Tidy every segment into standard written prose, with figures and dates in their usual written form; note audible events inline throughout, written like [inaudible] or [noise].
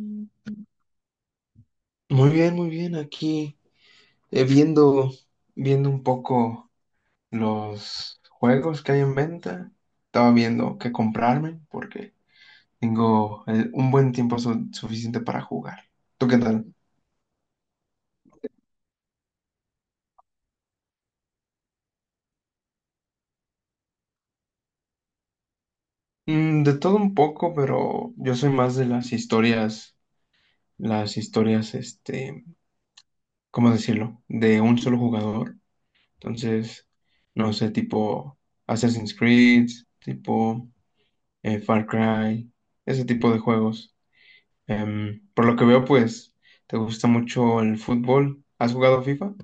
Mm. Muy bien, muy bien. Aquí viendo, viendo un poco los juegos que hay en venta. Estaba viendo qué comprarme porque tengo un buen tiempo suficiente para jugar. ¿Tú qué tal? De todo un poco, pero yo soy más de las historias, este, ¿cómo decirlo? De un solo jugador. Entonces, no sé, tipo Assassin's Creed, tipo Far Cry, ese tipo de juegos. Por lo que veo, pues, te gusta mucho el fútbol. ¿Has jugado FIFA?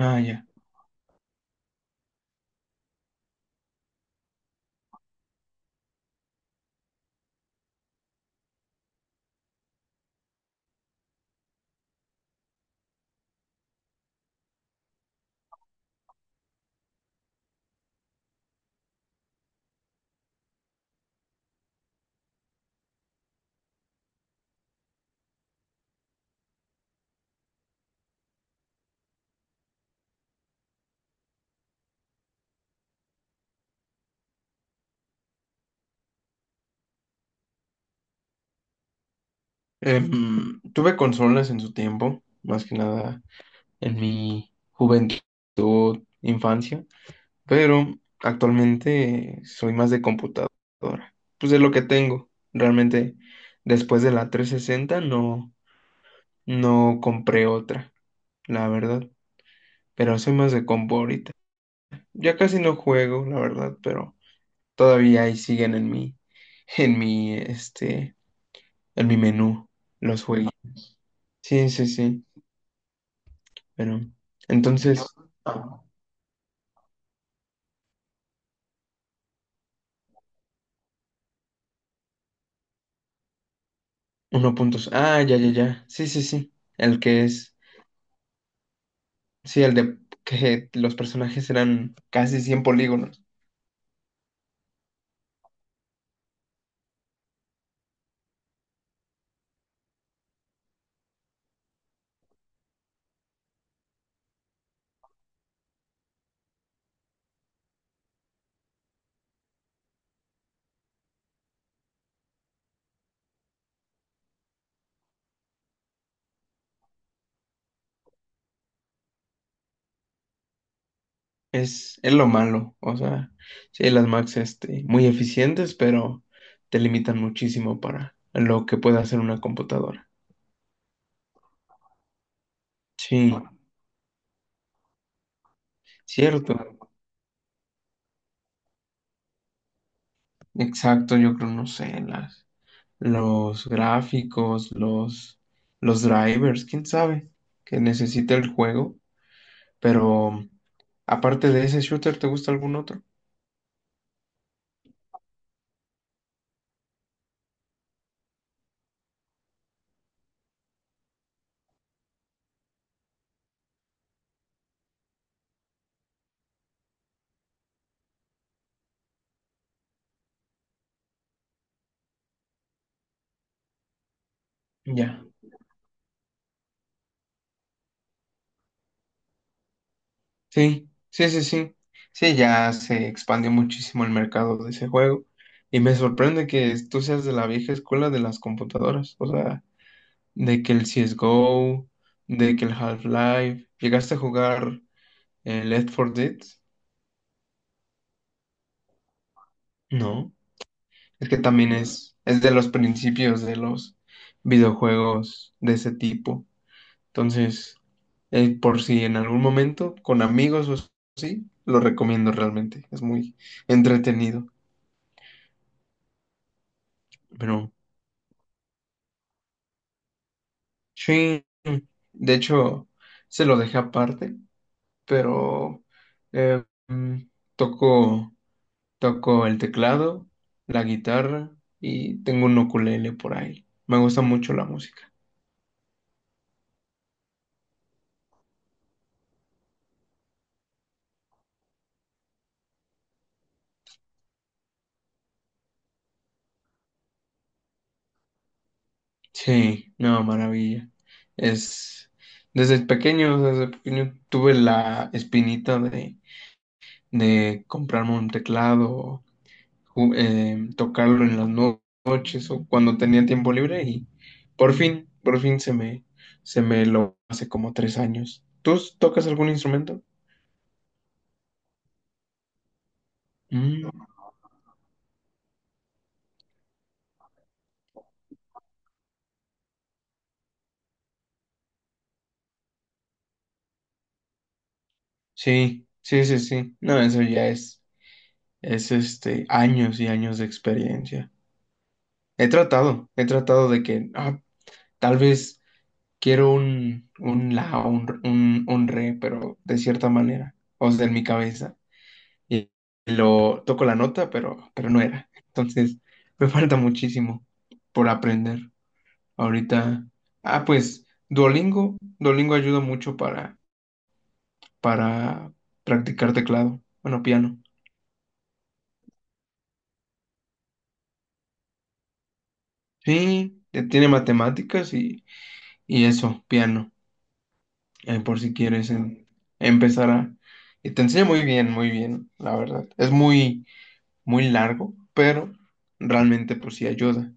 Ah, ya. Tuve consolas en su tiempo, más que nada en mi juventud, infancia, pero actualmente soy más de computadora. Pues es lo que tengo. Realmente, después de la 360 no, no compré otra, la verdad. Pero soy más de compu ahorita. Ya casi no juego, la verdad, pero todavía ahí siguen en mi, este, en mi menú los juegos. Sí, sí, sí. Pero entonces, uno puntos. Ah, ya, ya, ya. Sí, sí, sí. El que es, sí, el de que los personajes eran casi 100 polígonos. Es lo malo. O sea, sí, las Max, este, muy eficientes, pero te limitan muchísimo para lo que puede hacer una computadora. Sí, cierto. Exacto, yo creo, no sé, las. Los gráficos, los drivers, quién sabe, que necesita el juego. Pero aparte de ese shooter, ¿te gusta algún otro? Ya. Sí, sí, sí, sí. Sí, ya se expandió muchísimo el mercado de ese juego. Y me sorprende que tú seas de la vieja escuela de las computadoras. O sea, de que el CSGO, de que el Half-Life. ¿Llegaste a jugar el Left 4 Dead? No. Es que también es de los principios de los videojuegos de ese tipo. Entonces, por si en algún momento, con amigos o así, lo recomiendo realmente. Es muy entretenido. Pero sí, de hecho, se lo dejé aparte, pero eh, mm, toco, toco el teclado, la guitarra y tengo un ukulele por ahí. Me gusta mucho la música. Sí, no, maravilla. Es desde pequeño tuve la espinita de comprarme un teclado, tocarlo en las noches o cuando tenía tiempo libre y por fin se me lo hace como 3 años. ¿Tú tocas algún instrumento? Mm, sí, sí, sí, sí. No, eso ya es este, años y años de experiencia. He tratado de que, ah, tal vez quiero un la, un re, pero de cierta manera, o sea, en mi cabeza. Y lo toco la nota, pero no era. Entonces, me [laughs] falta muchísimo por aprender. Ahorita, ah, pues, Duolingo, Duolingo ayuda mucho para, para practicar teclado, bueno, piano. Sí, tiene matemáticas y eso, piano, por si quieres empezar a. Y te enseña muy bien, la verdad. Es muy muy largo, pero realmente pues sí ayuda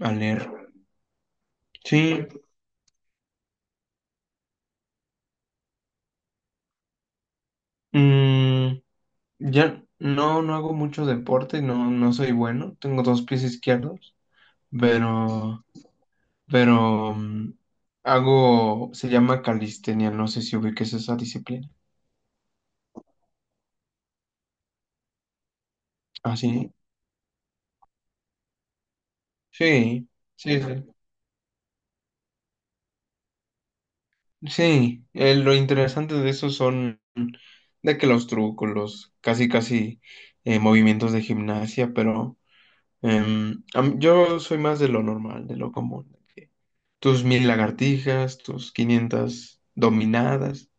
a leer. Sí, mm, ya no, no hago mucho deporte, no, no soy bueno, tengo dos pies izquierdos, pero, pero mm, se llama calistenia, no sé si ubiques esa disciplina. Ah, sí, sí, sí, sí. Sí, lo interesante de eso son de que los trucos, los casi casi movimientos de gimnasia, pero a yo soy más de lo normal, de lo común. Que tus 1000 lagartijas, tus 500 dominadas,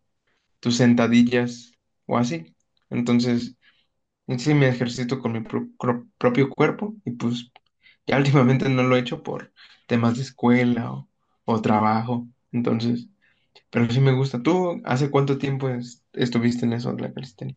tus sentadillas o así. Entonces, en sí me ejercito con mi propio cuerpo y pues ya [laughs] últimamente no lo he hecho por temas de escuela o trabajo. Entonces, pero sí me gusta. ¿Tú hace cuánto tiempo estuviste en eso de la calistenia?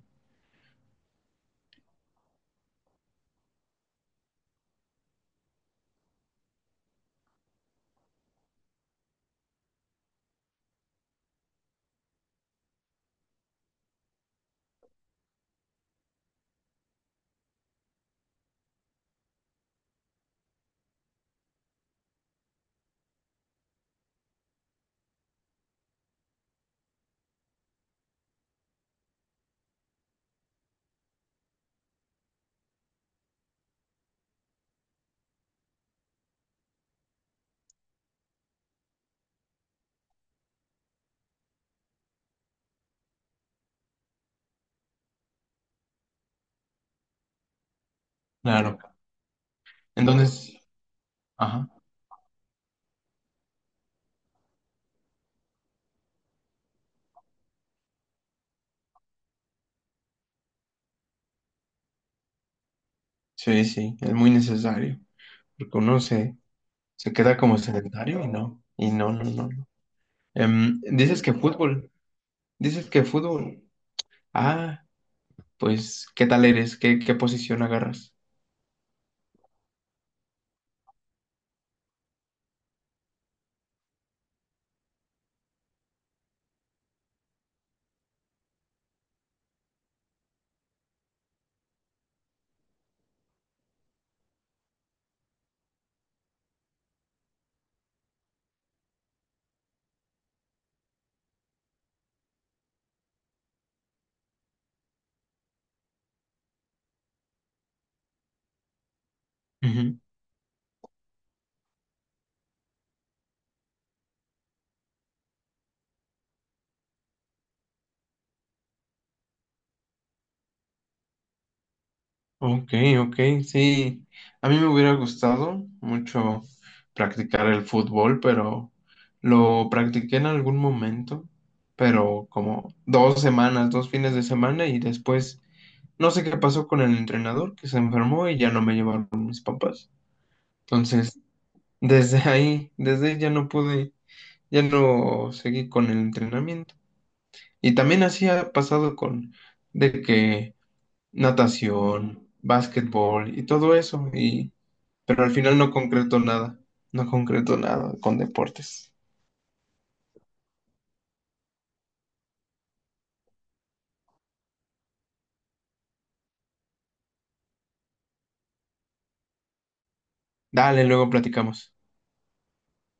Claro. Entonces, ajá, sí, sí, es muy necesario. Reconoce. Se queda como sedentario y no. Y no, no, no. No. Dices que fútbol. Dices que fútbol. Ah, pues, ¿qué tal eres? ¿Qué posición agarras? Ujú. Ok, ok, sí. A mí me hubiera gustado mucho practicar el fútbol, pero lo practiqué en algún momento, pero como 2 semanas, 2 fines de semana y después no sé qué pasó con el entrenador que se enfermó y ya no me llevaron mis papás. Entonces, desde ahí, desde ahí ya no pude, ya no seguí con el entrenamiento. Y también así ha pasado con de que natación, básquetbol y todo eso, y pero al final no concreto nada, no concreto nada con deportes. Dale, luego platicamos.